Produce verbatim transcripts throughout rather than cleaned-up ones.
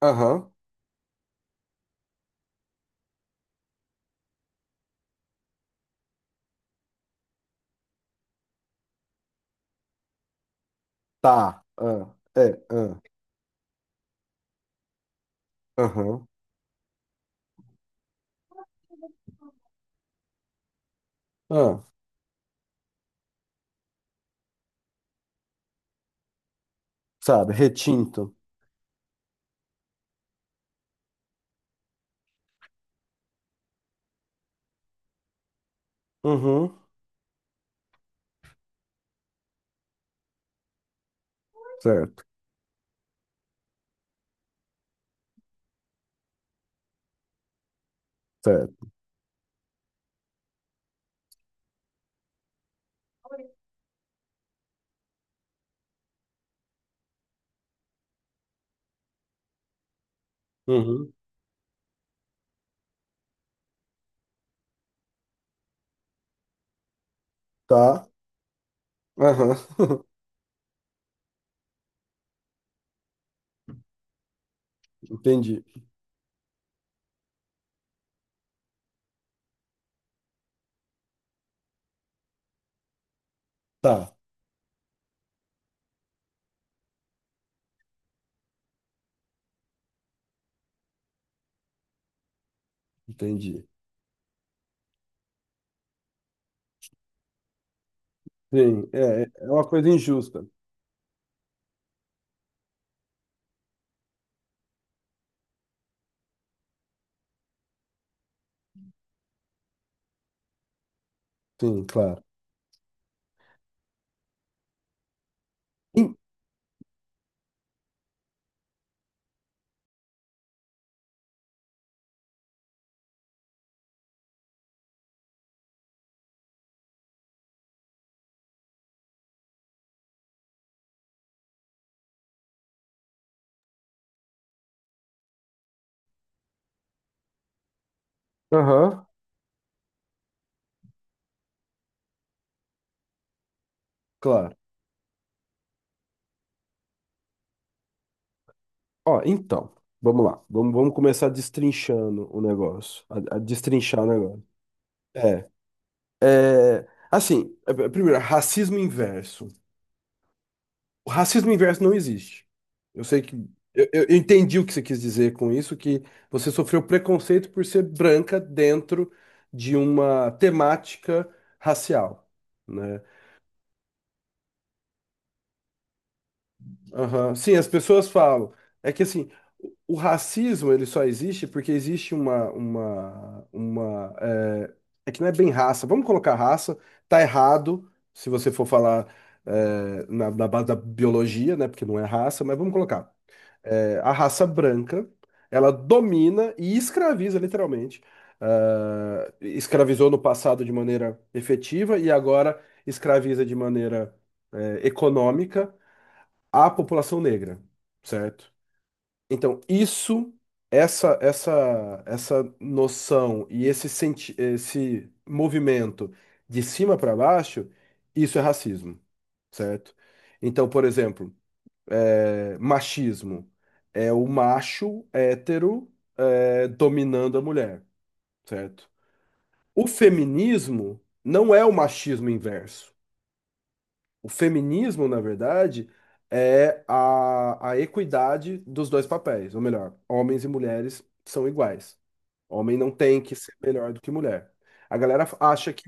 Aham, tá. Ah, é, ah, aham, ah, sabe, retinto. Uhum, certo, certo. Uhum, tá. Aham, entendi. Tá, entendi. Sim, é, é é uma coisa injusta. Sim, claro. Em- Aham, claro. Ó, então, vamos lá. Vamos, vamos começar destrinchando o negócio. A, a destrinchar o negócio. É, é, assim, é, primeiro, racismo inverso. O racismo inverso não existe. Eu sei que. Eu, eu- eu entendi o que você quis dizer com isso, que você sofreu preconceito por ser branca dentro de uma temática racial, né? Aham. Sim, as pessoas falam. É que assim, o o racismo, ele só existe porque existe uma, uma, uma, é, é que não é bem raça. Vamos colocar raça, tá errado se você for falar é, na, na, base da biologia, né? Porque não é raça, mas vamos colocar. é, a raça branca, ela domina e escraviza, literalmente. Ah, escravizou no passado de maneira efetiva e agora escraviza de maneira, é, econômica, a população negra, certo? Então, isso, essa, essa, essa noção e esse, senti esse movimento de cima para baixo, isso é racismo, certo? Então, por exemplo é, machismo. É o macho hétero é, dominando a mulher, certo? O feminismo não é o machismo inverso. O feminismo, na verdade, é a, a equidade dos dois papéis, ou melhor, homens e mulheres são iguais. Homem não tem que ser melhor do que mulher. A galera acha que.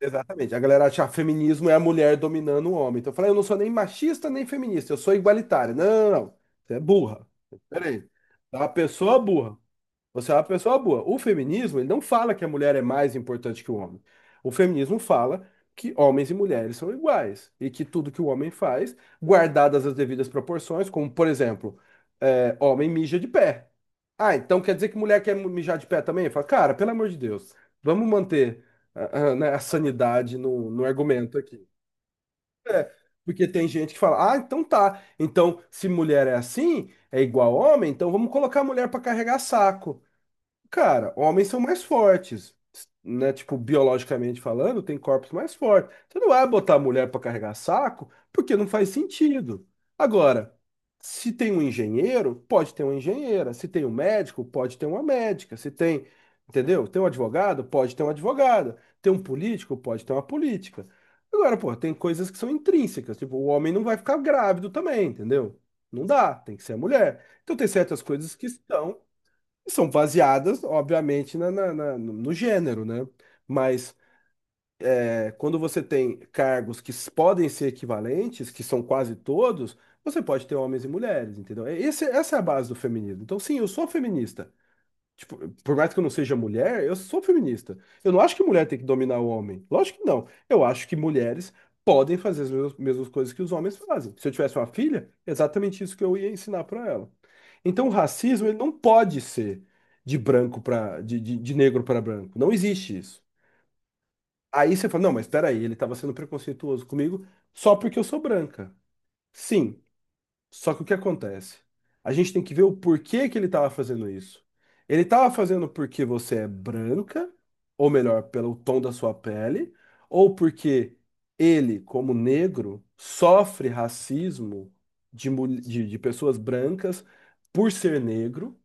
Exatamente. A galera acha que feminismo é a mulher dominando o homem. Então eu falei: "Ah, eu não sou nem machista nem feminista, eu sou igualitária." Não, não, não. Você é burra. Peraí. Você é uma pessoa burra. Você é uma pessoa boa. O feminismo, ele não fala que a mulher é mais importante que o homem. O feminismo fala que homens e mulheres são iguais e que tudo que o homem faz, guardadas as devidas proporções, como, por exemplo, é, homem mija de pé. Ah, então quer dizer que mulher quer mijar de pé também? Fala, cara, pelo amor de Deus, vamos manter, ah, ah, né, a sanidade no, no argumento aqui. Porque tem gente que fala, ah, então tá. Então, se mulher é assim, é igual homem, então vamos colocar a mulher para carregar saco. Cara, homens são mais fortes, né? Tipo, biologicamente falando, tem corpos mais fortes. Você não vai botar mulher para carregar saco, porque não faz sentido. Agora, se tem um engenheiro, pode ter uma engenheira. Se tem um médico, pode ter uma médica. Se tem, entendeu? Tem um advogado, pode ter uma advogada. Tem um político, pode ter uma política. Agora, pô, tem coisas que são intrínsecas. Tipo, o homem não vai ficar grávido também, entendeu? Não dá, tem que ser a mulher. Então tem certas coisas que são são baseadas, obviamente, na, na- na- no no gênero, né? Mas é, quando você tem cargos que s- podem ser equivalentes, que são quase todos, você pode ter homens e mulheres, entendeu? É- Esse- essa é a base do feminismo. Então, sim, eu sou feminista. Tipo, por mais que eu não seja mulher, eu sou feminista. Eu não acho que mulher tem que dominar o homem. Lógico que não. Eu acho que mulheres podem fazer as mesmas, mesmas coisas que os homens fazem. Se eu tivesse uma filha, exatamente isso que eu ia ensinar para ela. Então, o racismo, ele não pode ser de branco para de, de, de negro, para branco. Não existe isso. Aí você fala: não, mas espera aí, ele estava sendo preconceituoso comigo só porque eu sou branca. Sim. Só que o que acontece? A gente tem que ver o porquê que ele estava fazendo isso. Ele estava fazendo porque você é branca, ou melhor, pelo tom da sua pele, ou porque ele, como negro, sofre racismo de, mul- de, de pessoas brancas por ser negro,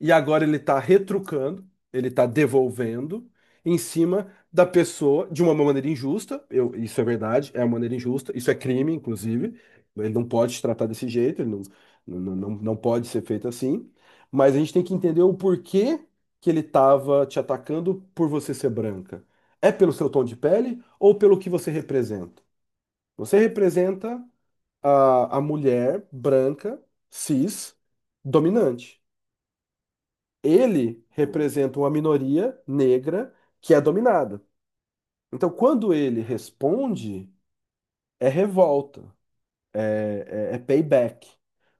e agora ele está retrucando, ele está devolvendo em cima da pessoa de uma maneira injusta. Eu- isso é verdade, é uma maneira injusta, isso é crime, inclusive. Ele não pode se tratar desse jeito. Ele não, não, não, não pode ser feito assim. Mas a gente tem que entender o porquê que ele estava te atacando por você ser branca. É pelo seu tom de pele ou pelo que você representa? Você representa a, a mulher branca, cis, dominante. Ele representa uma minoria negra que é dominada. Então, quando ele responde, é revolta, é, é é payback.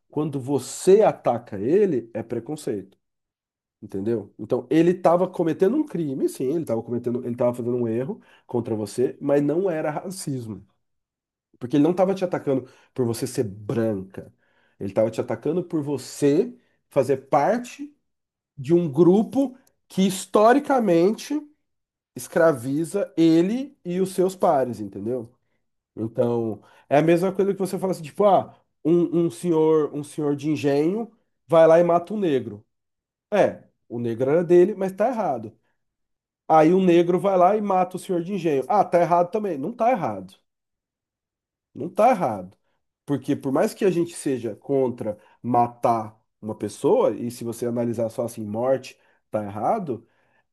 Quando você ataca ele, é preconceito. Entendeu? Então, ele estava cometendo um crime, sim, ele estava cometendo, ele estava fazendo um erro contra você, mas não era racismo. Porque ele não estava te atacando por você ser branca. Ele estava te atacando por você fazer parte de um grupo que historicamente escraviza ele e os seus pares, entendeu? Então, é a mesma coisa que você fala assim, tipo, ah, um, um senhor, um senhor de engenho vai lá e mata um negro. É, o negro era dele, mas tá errado. Aí o negro vai lá e mata o senhor de engenho. Ah, tá errado também. Não tá errado. Não tá errado. Porque por mais que a gente seja contra matar uma pessoa, e se você analisar só assim, morte, tá errado,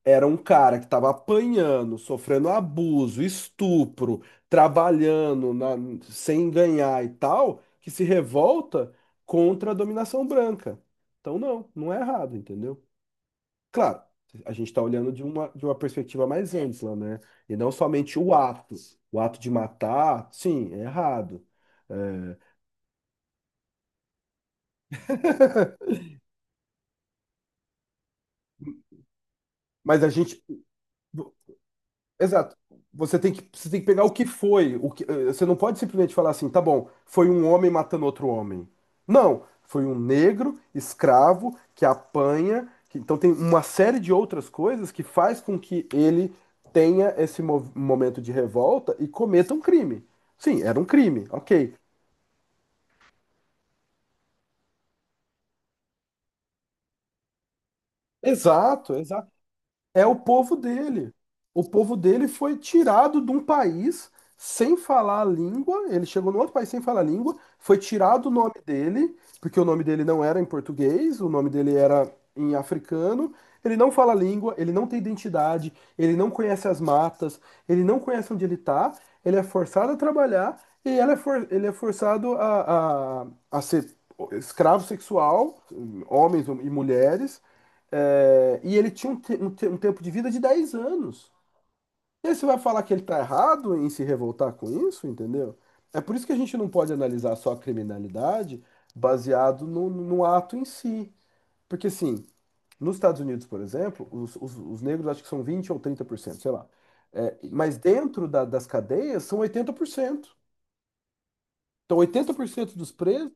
era um cara que estava apanhando, sofrendo abuso, estupro, trabalhando, na- sem ganhar e tal, que se revolta contra a dominação branca. Então, não, não é errado, entendeu? Claro, a gente está olhando de uma, de uma, perspectiva mais ampla, né? E não somente o ato. O ato de matar, sim, é errado. É, mas a gente. Exato. Você tem que, você tem que pegar o que foi. O que, eh, você não pode simplesmente falar assim, tá bom, foi um homem matando outro homem. Não, foi um negro escravo que apanha. que- então tem uma série de outras coisas que faz com que ele tenha esse mo- momento de revolta e cometa um crime. Sim, era um crime, ok. Exato, exato. É o povo dele. O povo dele foi tirado de um país sem falar a língua. Ele chegou num outro país sem falar a língua. Foi tirado o nome dele, porque o nome dele não era em português, o nome dele era em africano. Ele não fala a língua, ele não tem identidade, ele não conhece as matas, ele não conhece onde ele está. Ele é forçado a trabalhar e ela é for- ele é forçado a, a, a ser escravo sexual, homens e mulheres. É, e ele tinha um, te- um te- um tempo de vida de dez anos. E aí você vai falar que ele tá errado em se revoltar com isso, entendeu? É por isso que a gente não pode analisar só a criminalidade baseado no, no ato em si. Porque, assim, nos Estados Unidos, por exemplo, os, os- os negros, acho que são vinte ou trinta por cento, sei lá. É, mas dentro da- das cadeias são oitenta por cento. Então, oitenta por cento dos presos.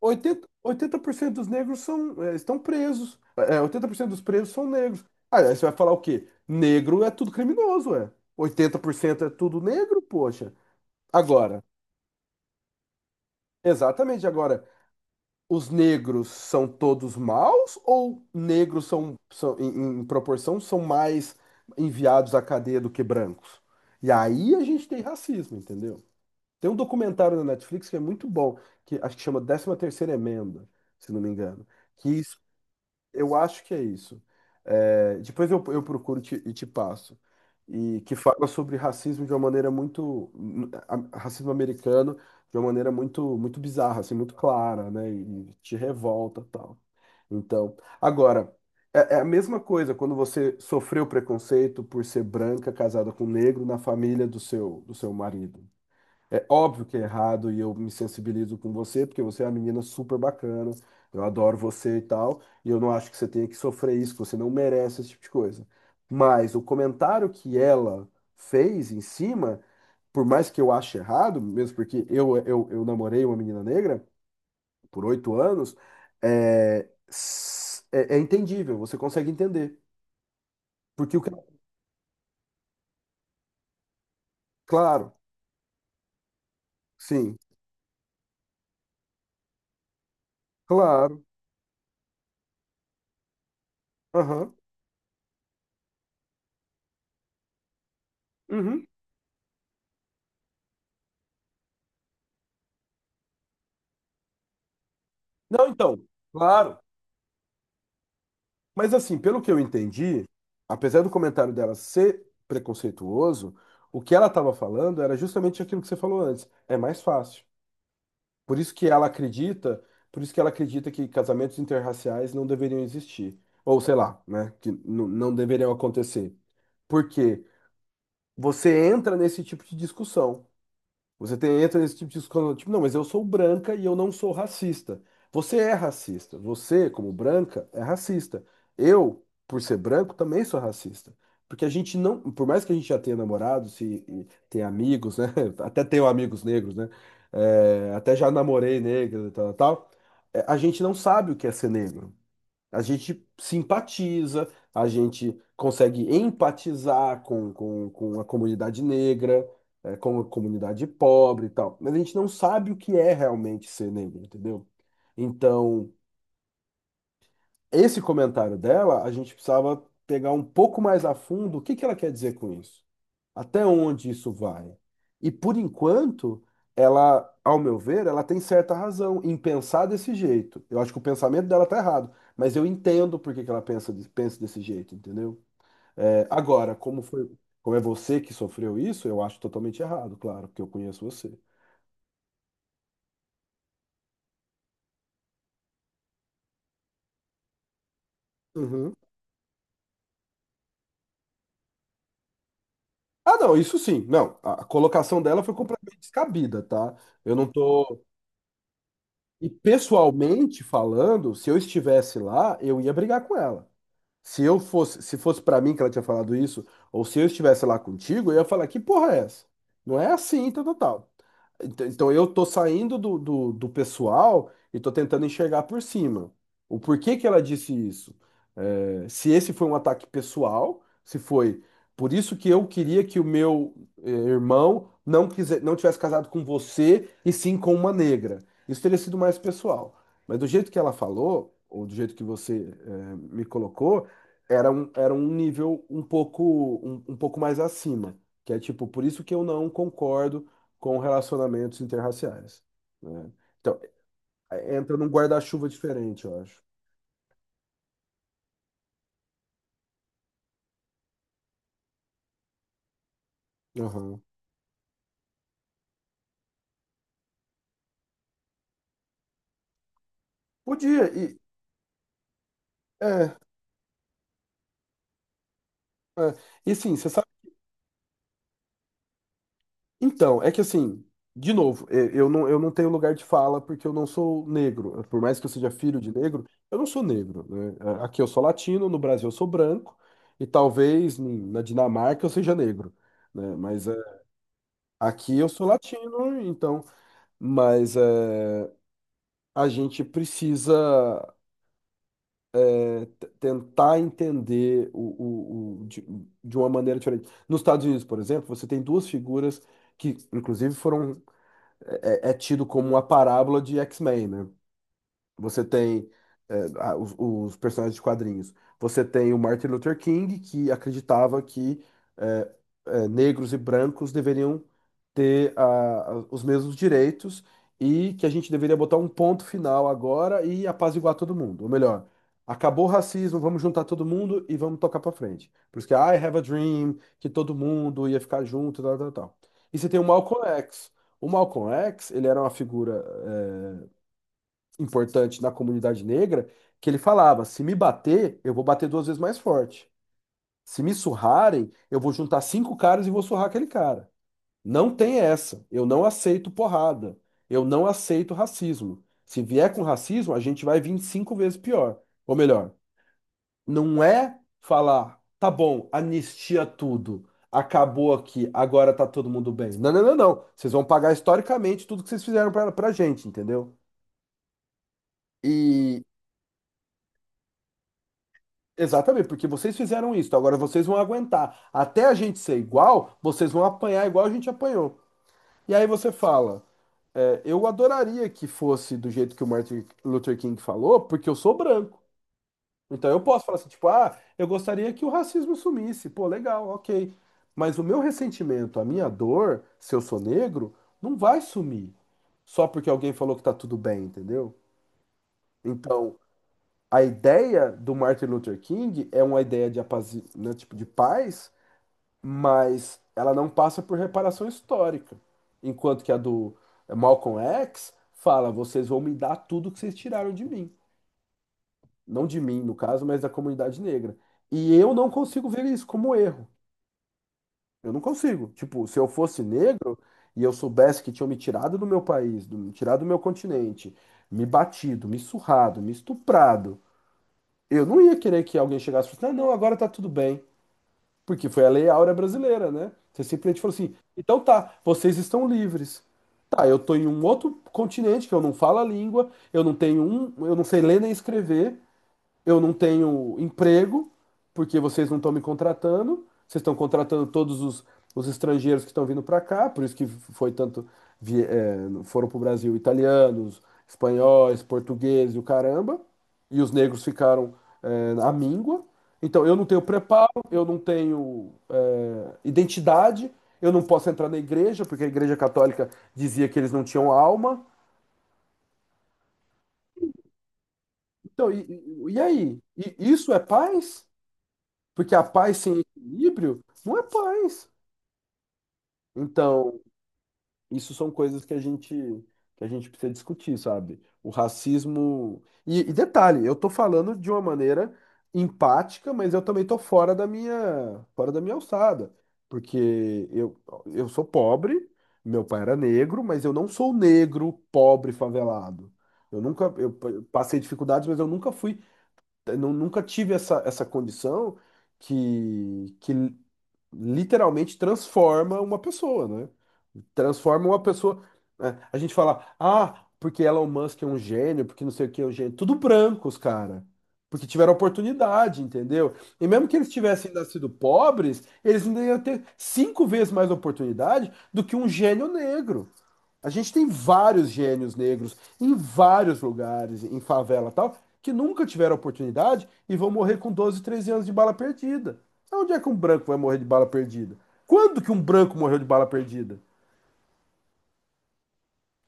Oitenta oitenta por cento dos negros, são, eh, estão presos. É, oitenta por cento dos presos são negros. Ah, aí você vai falar o quê? Negro é tudo criminoso, é. Oitenta por cento é tudo negro, poxa. Agora, exatamente agora, os negros são todos maus, ou negros são, são em, em proporção, são mais enviados à cadeia do que brancos? E aí a gente tem racismo, entendeu? Tem um documentário na Netflix que é muito bom, que acho que chama Décima Terceira Emenda, se não me engano, que eu acho que é isso. É, depois eu, eu procuro, te- e te passo. E que fala sobre racismo de uma maneira muito, hum, a- racismo americano de uma maneira muito, muito bizarra, assim, muito clara, né? E te revolta, tal. Então, agora, é, é a mesma coisa quando você sofreu preconceito por ser branca, casada com negro na família do seu, do seu marido. É óbvio que é errado e eu me sensibilizo com você, porque você é uma menina super bacana, eu adoro você e tal, e eu não acho que você tenha que sofrer isso, que você não merece esse tipo de coisa. Mas o comentário que ela fez em cima, por mais que eu ache errado, mesmo porque eu, eu, eu namorei uma menina negra por oito anos, é, s- é, é entendível, você consegue entender. Porque o que. Claro, sim, claro, aham, uhum. Não, então, claro. Mas assim, pelo que eu entendi, apesar do comentário dela ser preconceituoso, o que ela estava falando era justamente aquilo que você falou antes. É mais fácil. Por isso que ela acredita, por isso que ela acredita que casamentos interraciais não deveriam existir. Ou sei lá, né? Que n- não deveriam acontecer. Porque você entra nesse tipo de discussão. Você tem, entra nesse tipo de discussão, tipo, não, mas eu sou branca e eu não sou racista. Você é racista. Você, como branca, é racista. Eu, por ser branco, também sou racista. Porque a gente não, por mais que a gente já tenha namorados e, e tenha amigos, né? Até tenho amigos negros, né? É, até já namorei negro e tal, tal. é, A gente não sabe o que é ser negro. A gente simpatiza, a gente consegue empatizar com, com, com a comunidade negra, eh, com a comunidade pobre e tal, mas a gente não sabe o que é realmente ser negro, entendeu? Então, esse comentário dela, a gente precisava pegar um pouco mais a fundo o que que ela quer dizer com isso. Até onde isso vai? E por enquanto, ela, ao meu ver, ela tem certa razão em pensar desse jeito. Eu acho que o pensamento dela tá errado, mas eu entendo por que que ela pensa, de- pensa desse jeito, entendeu? É, agora, como foi, como é você que sofreu isso, eu acho totalmente errado, claro, porque eu conheço você. Uhum. Ah, não, isso sim. Não, a a colocação dela foi completamente descabida, tá? Eu não tô. E pessoalmente falando, se eu estivesse lá, eu ia brigar com ela. Se eu fosse, se fosse pra mim que ela tinha falado isso, ou se eu estivesse lá contigo, eu ia falar, que porra é essa? Não é assim, tal, tal, tal. Então então eu tô saindo do, do, do pessoal e tô tentando enxergar por cima. O porquê que ela disse isso? É, se esse foi um ataque pessoal, se foi por isso que eu queria que o meu eh, irmão não quiser, não tivesse casado com você e sim com uma negra. Isso teria sido mais pessoal. Mas do jeito que ela falou, ou do jeito que você eh, me colocou, era um, era um nível um pouco, um um pouco mais acima. Que é tipo, por isso que eu não concordo com relacionamentos interraciais, né? Então, é- entra num guarda-chuva diferente, eu acho. Aham. Podia, e, é, é. E sim, você sabe. Então, é que assim, de novo, e- eu não, eu não tenho lugar de fala porque eu não sou negro. Por mais que eu seja filho de negro, eu não sou negro, né? Aqui eu sou latino, no Brasil eu sou branco, e talvez em- na Dinamarca eu seja negro, né? Mas é, aqui eu sou latino, então. Mas é, a gente precisa. É, t- tentar entender o, o, o- de, de uma maneira diferente. Nos Estados Unidos, por exemplo, você tem duas figuras que, inclusive, foram é, é é tido como a parábola de X-Men, né? Você tem é, a- os, os personagens de quadrinhos. Você tem o Martin Luther King, que acreditava que é, é, negros e brancos deveriam ter a- a- os mesmos direitos e que a gente deveria botar um ponto final agora e apaziguar todo mundo. Ou melhor, acabou o racismo, vamos juntar todo mundo e vamos tocar para frente. Por isso que I Have a Dream, que todo mundo ia ficar junto, tal, tal, tal. E você tem o Malcolm X. O Malcolm X, ele era uma figura eh, importante na comunidade negra, que ele falava: se me bater, eu vou bater duas vezes mais forte. Se me surrarem, eu vou juntar cinco caras e vou surrar aquele cara. Não tem essa. Eu não aceito porrada. Eu não aceito racismo. Se vier com racismo, a gente vai vir cinco vezes pior. Ou melhor, não é falar, tá bom, anistia tudo. Acabou aqui, agora tá todo mundo bem. Não, não, não, não. Vocês vão pagar historicamente tudo que vocês fizeram pra, pra gente, entendeu? E exatamente, porque vocês fizeram isso, então agora vocês vão aguentar. Até a gente ser igual, vocês vão apanhar igual a gente apanhou. E aí você fala, é, eu adoraria que fosse do jeito que o Martin Luther King falou, porque eu sou branco. Então eu posso falar assim, tipo, ah, eu gostaria que o racismo sumisse. Pô, legal, ok. Mas o meu ressentimento, a minha dor, se eu sou negro, não vai sumir só porque alguém falou que tá tudo bem, entendeu? Então, a ideia do Martin Luther King é uma ideia de, apazi... né, tipo, de paz mas ela não passa por reparação histórica. Enquanto que a do Malcolm X fala: vocês vão me dar tudo que vocês tiraram de mim. Não de mim, no caso, mas da comunidade negra. E eu não consigo ver isso como erro. Eu não consigo. Tipo, se eu fosse negro e eu soubesse que tinham me tirado do meu país, do, me tirado do meu continente, me batido, me surrado, me estuprado, eu não ia querer que alguém chegasse e falasse: não, não, agora tá tudo bem. Porque foi a Lei Áurea brasileira, né? Você simplesmente falou assim: então tá, vocês estão livres. Tá, eu tô em um outro continente que eu não falo a língua, eu não tenho um, eu não sei ler nem escrever, eu não tenho emprego, porque vocês não estão me contratando, vocês estão contratando todos os, os estrangeiros que estão vindo para cá, por isso que foi tanto, vi- é, foram para o Brasil italianos, espanhóis, portugueses e o caramba, e os negros ficaram, é, à míngua. Então, eu não tenho preparo, eu não tenho, é, identidade, eu não posso entrar na igreja, porque a igreja católica dizia que eles não tinham alma. Então, e, e e aí? E isso é paz? Porque a paz sem equilíbrio não é paz. Então, isso são coisas que a gente que a gente precisa discutir, sabe? O racismo. E, e detalhe, eu tô falando de uma maneira empática, mas eu também tô fora da minha fora da minha alçada, porque eu eu sou pobre, meu pai era negro, mas eu não sou negro, pobre, favelado. Eu nunca eu p- passei dificuldades, mas eu nunca fui, eu nu- nunca tive essa essa condição que, que literalmente transforma uma pessoa, né? Transforma uma pessoa. Né? A gente fala, ah, porque Elon Musk é um gênio, porque não sei o que é um gênio. Tudo brancos, cara. Porque tiveram oportunidade, entendeu? E mesmo que eles tivessem nascido pobres, eles ainda iam ter cinco vezes mais oportunidade do que um gênio negro. A gente tem vários gênios negros em vários lugares, em favela e tal, que nunca tiveram oportunidade e vão morrer com doze, treze anos de bala perdida. Onde é que um branco vai morrer de bala perdida? Quando que um branco morreu de bala perdida?